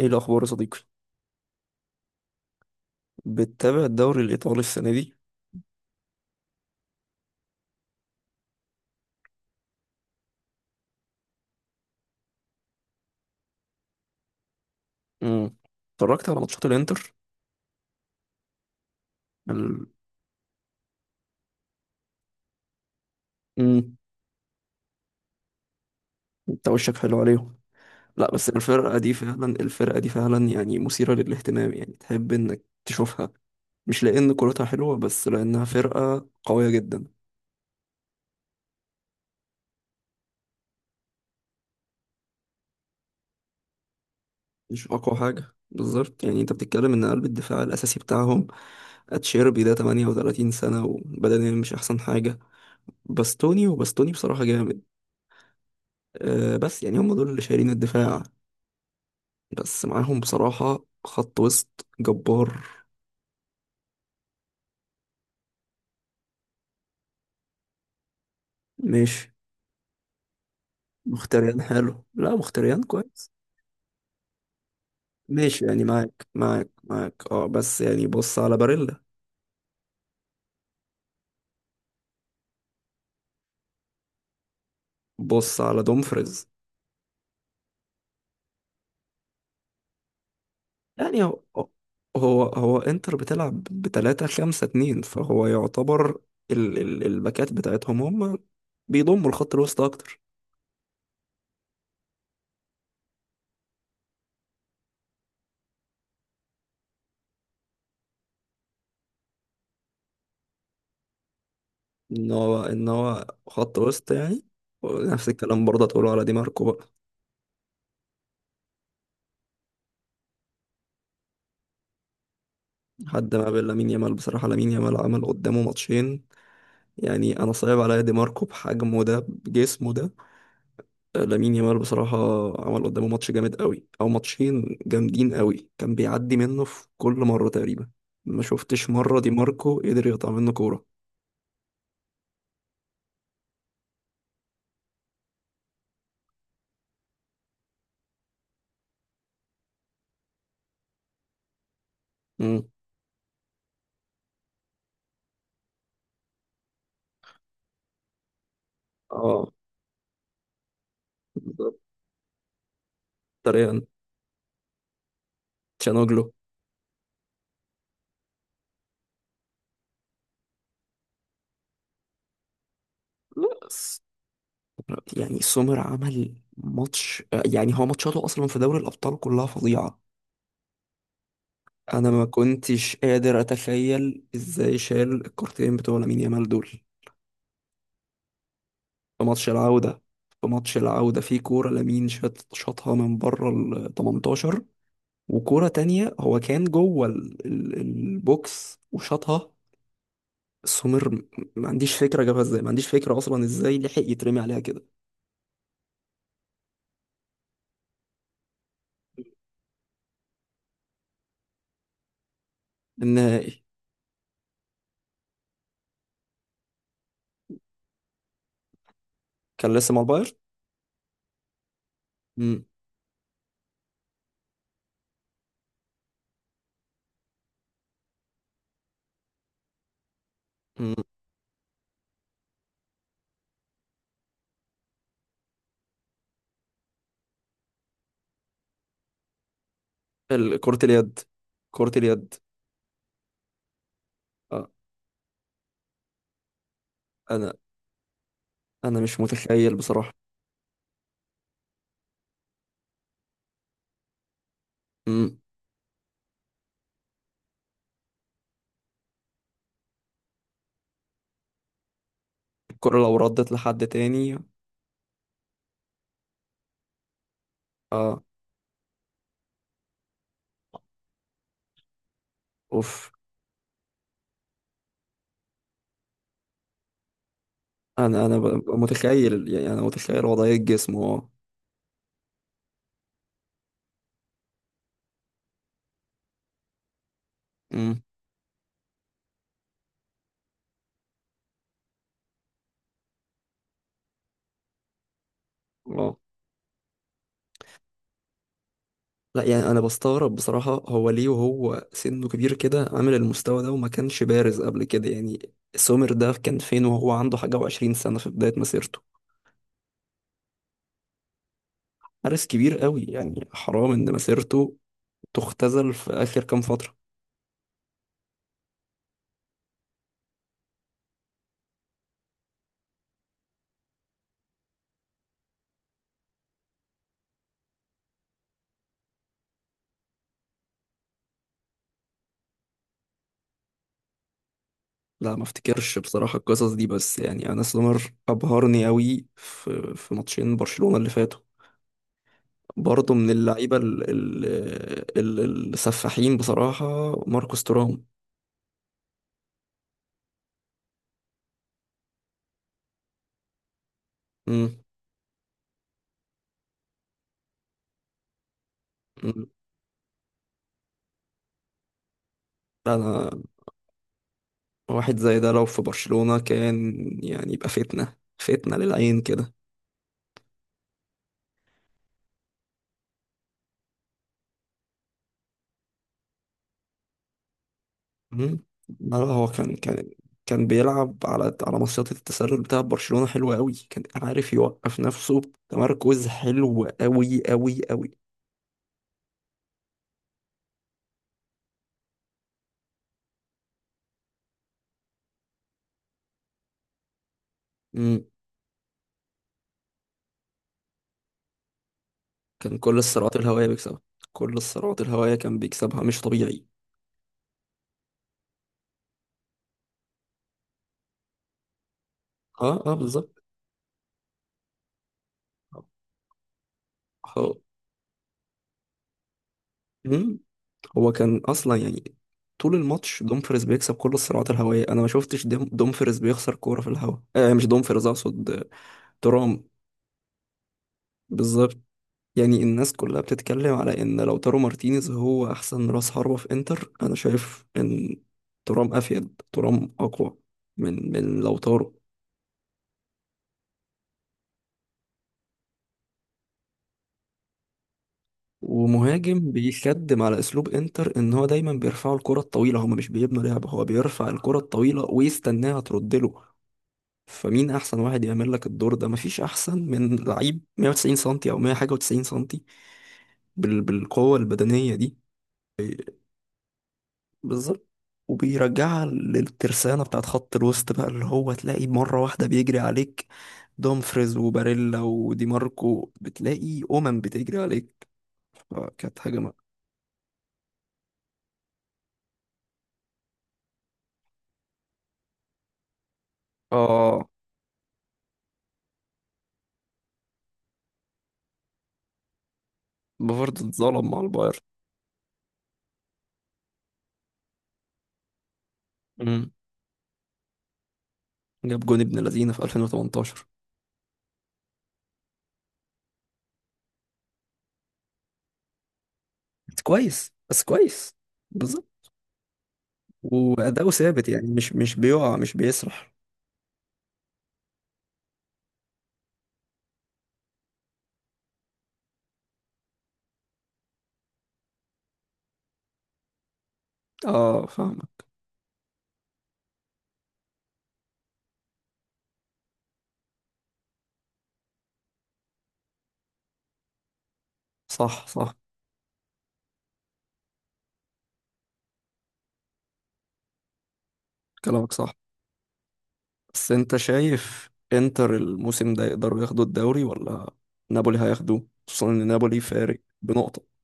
ايه الاخبار يا صديقي؟ بتتابع الدوري الايطالي السنه دي؟ امم. اتفرجت على ماتشات الانتر. ال... امم. انت وشك حلو عليهم. لا، بس الفرقه دي فعلا، يعني مثيره للاهتمام، يعني تحب انك تشوفها. مش لان كرتها حلوه، بس لانها فرقه قويه جدا. مش أقوى حاجة بالظبط، يعني أنت بتتكلم إن قلب الدفاع الأساسي بتاعهم أتشيربي ده 38 سنة وبدنيا مش أحسن حاجة. باستوني، وباستوني بصراحة جامد. أه، بس يعني هم دول اللي شايلين الدفاع، بس معاهم بصراحة خط وسط جبار. ماشي. مختريان حلو، لا مختريان كويس. ماشي، يعني معاك معاك معاك، اه، بس يعني بص على باريلا. بص على دومفريز. يعني هو، هو انتر بتلعب بتلاتة خمسة اتنين، فهو يعتبر ال ال الباكات بتاعتهم هم بيضموا الخط الوسط اكتر. ان هو خط وسط، يعني. ونفس الكلام برضه تقوله على دي ماركو بقى. حد ما بين لامين يامال، بصراحة لامين يامال عمل قدامه ماتشين، يعني انا صعب عليا دي ماركو بحجمه ده بجسمه ده. لامين يامال بصراحة عمل قدامه ماتش جامد قوي أو ماتشين جامدين قوي، كان بيعدي منه في كل مرة تقريبا. ما شفتش مرة دي ماركو قدر يقطع منه كورة. امم. اه بالظبط. طريقا. تشانوجلو. لا س- يعني سومر عمل ماتش، يعني هو ماتشاته أصلا في دوري الأبطال كلها فظيعة. أنا ما كنتش قادر أتخيل إزاي شال الكارتين بتوع لامين يامال دول في ماتش العودة. في كورة لامين شاطها من بره ال 18. وكورة تانية هو كان جوه البوكس وشاطها. سمير م- ما عنديش فكرة جابها ازاي، ما عنديش فكرة أصلا ازاي لحق يترمي عليها كده. النهائي كان لسه مع البايرن. مم. مم. كرة اليد. كرة اليد. آه. أنا أنا مش متخيل بصراحة. مم. الكرة لو ردت لحد تاني. اه. اوف. متخيل، يعني انا متخيل وضعية جسمه. اه. امم. واو. لا، يعني انا بستغرب بصراحة، هو ليه وهو سنه كبير كده عامل المستوى ده وما كانش بارز قبل كده؟ يعني سومر ده كان فين وهو عنده حاجة وعشرين سنة في بداية مسيرته؟ حارس كبير قوي، يعني حرام ان مسيرته تختزل في اخر كام فترة. لا ما افتكرش بصراحة القصص دي، بس يعني انا سومر ابهرني قوي في ماتشين برشلونة اللي فاتوا. برضه من اللعيبة السفاحين بصراحة. ماركوس تورام. امم. أمم. انا واحد زي ده لو في برشلونة كان، يعني يبقى فتنة فتنة للعين كده. مم. لا لا، هو كان كان بيلعب على مصيدة التسلل بتاع برشلونة حلوة قوي، كان عارف يوقف نفسه. تمركز حلو قوي قوي قوي. مم. كان كل الصراعات الهوائية بيكسبها. كل الصراعات الهوائية كان بيكسبها، مش طبيعي. اه اه بالظبط. اه. مم. هو كان اصلا، يعني طول الماتش دومفريز بيكسب كل الصراعات الهوائيه، انا ما شفتش دومفريز بيخسر كوره في الهواء، آه مش دومفريز اقصد، ترام. بالظبط. يعني الناس كلها بتتكلم على ان لو تارو مارتينيز هو احسن راس حربة في انتر، انا شايف ان ترام افيد، ترام اقوى من لو تارو. ومهاجم بيخدم على اسلوب انتر، ان هو دايما بيرفعوا الكره الطويله، هما مش بيبنوا لعب، هو بيرفع الكره الطويله ويستناها ترد له. فمين احسن واحد يعمل لك الدور ده؟ مفيش احسن من لعيب 190 سنتي او 100 حاجه و90 سنتي، بالقوه البدنيه دي. بالظبط. وبيرجعها للترسانه بتاعت خط الوسط بقى، اللي هو تلاقي مره واحده بيجري عليك دومفريز وباريلا ودي ماركو، بتلاقي بتجري عليك. آه، كانت هجمه. اه، بفرض اتظلم مع البايرن. مم. جاب جون ابن لذينه في 2018. بس كويس، بس كويس، بالظبط. وأداؤه ثابت، يعني مش بيقع مش بيسرح. اه، فاهمك. صح صح. كلامك صح. بس انت شايف انتر الموسم ده يقدروا ياخدوا الدوري، ولا نابولي هياخدوه، خصوصا ان نابولي فارق بنقطة؟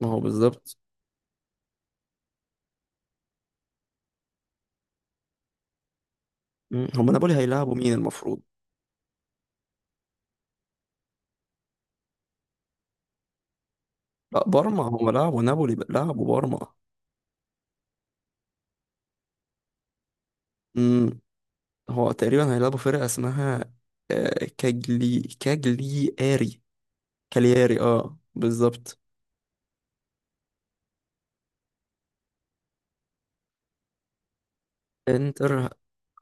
ما هو بالظبط. مم. هما نابولي هيلعبوا مين المفروض؟ لا بارما، هما لعبوا نابولي، لعبوا بارما. امم. هو تقريبا هيلعبوا فرقة اسمها، كاجلي اري. كالياري، اه بالظبط. انتر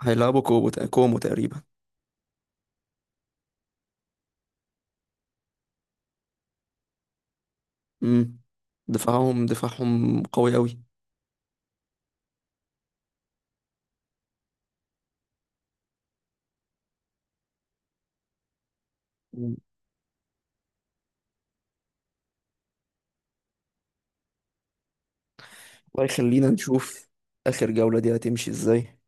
هيلعبوا كوبو كومو تقريبا. مم. دفاعهم دفاعهم قوي أوي. مم. وخلينا نشوف آخر جولة دي هتمشي ازاي.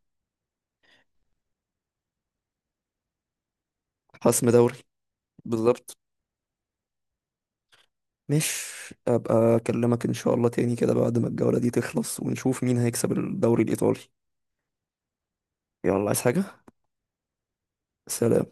حسم دوري، بالظبط. مش أبقى أكلمك إن شاء الله تاني كده بعد ما الجولة دي تخلص، ونشوف مين هيكسب الدوري الإيطالي. يلا، عايز حاجة؟ سلام.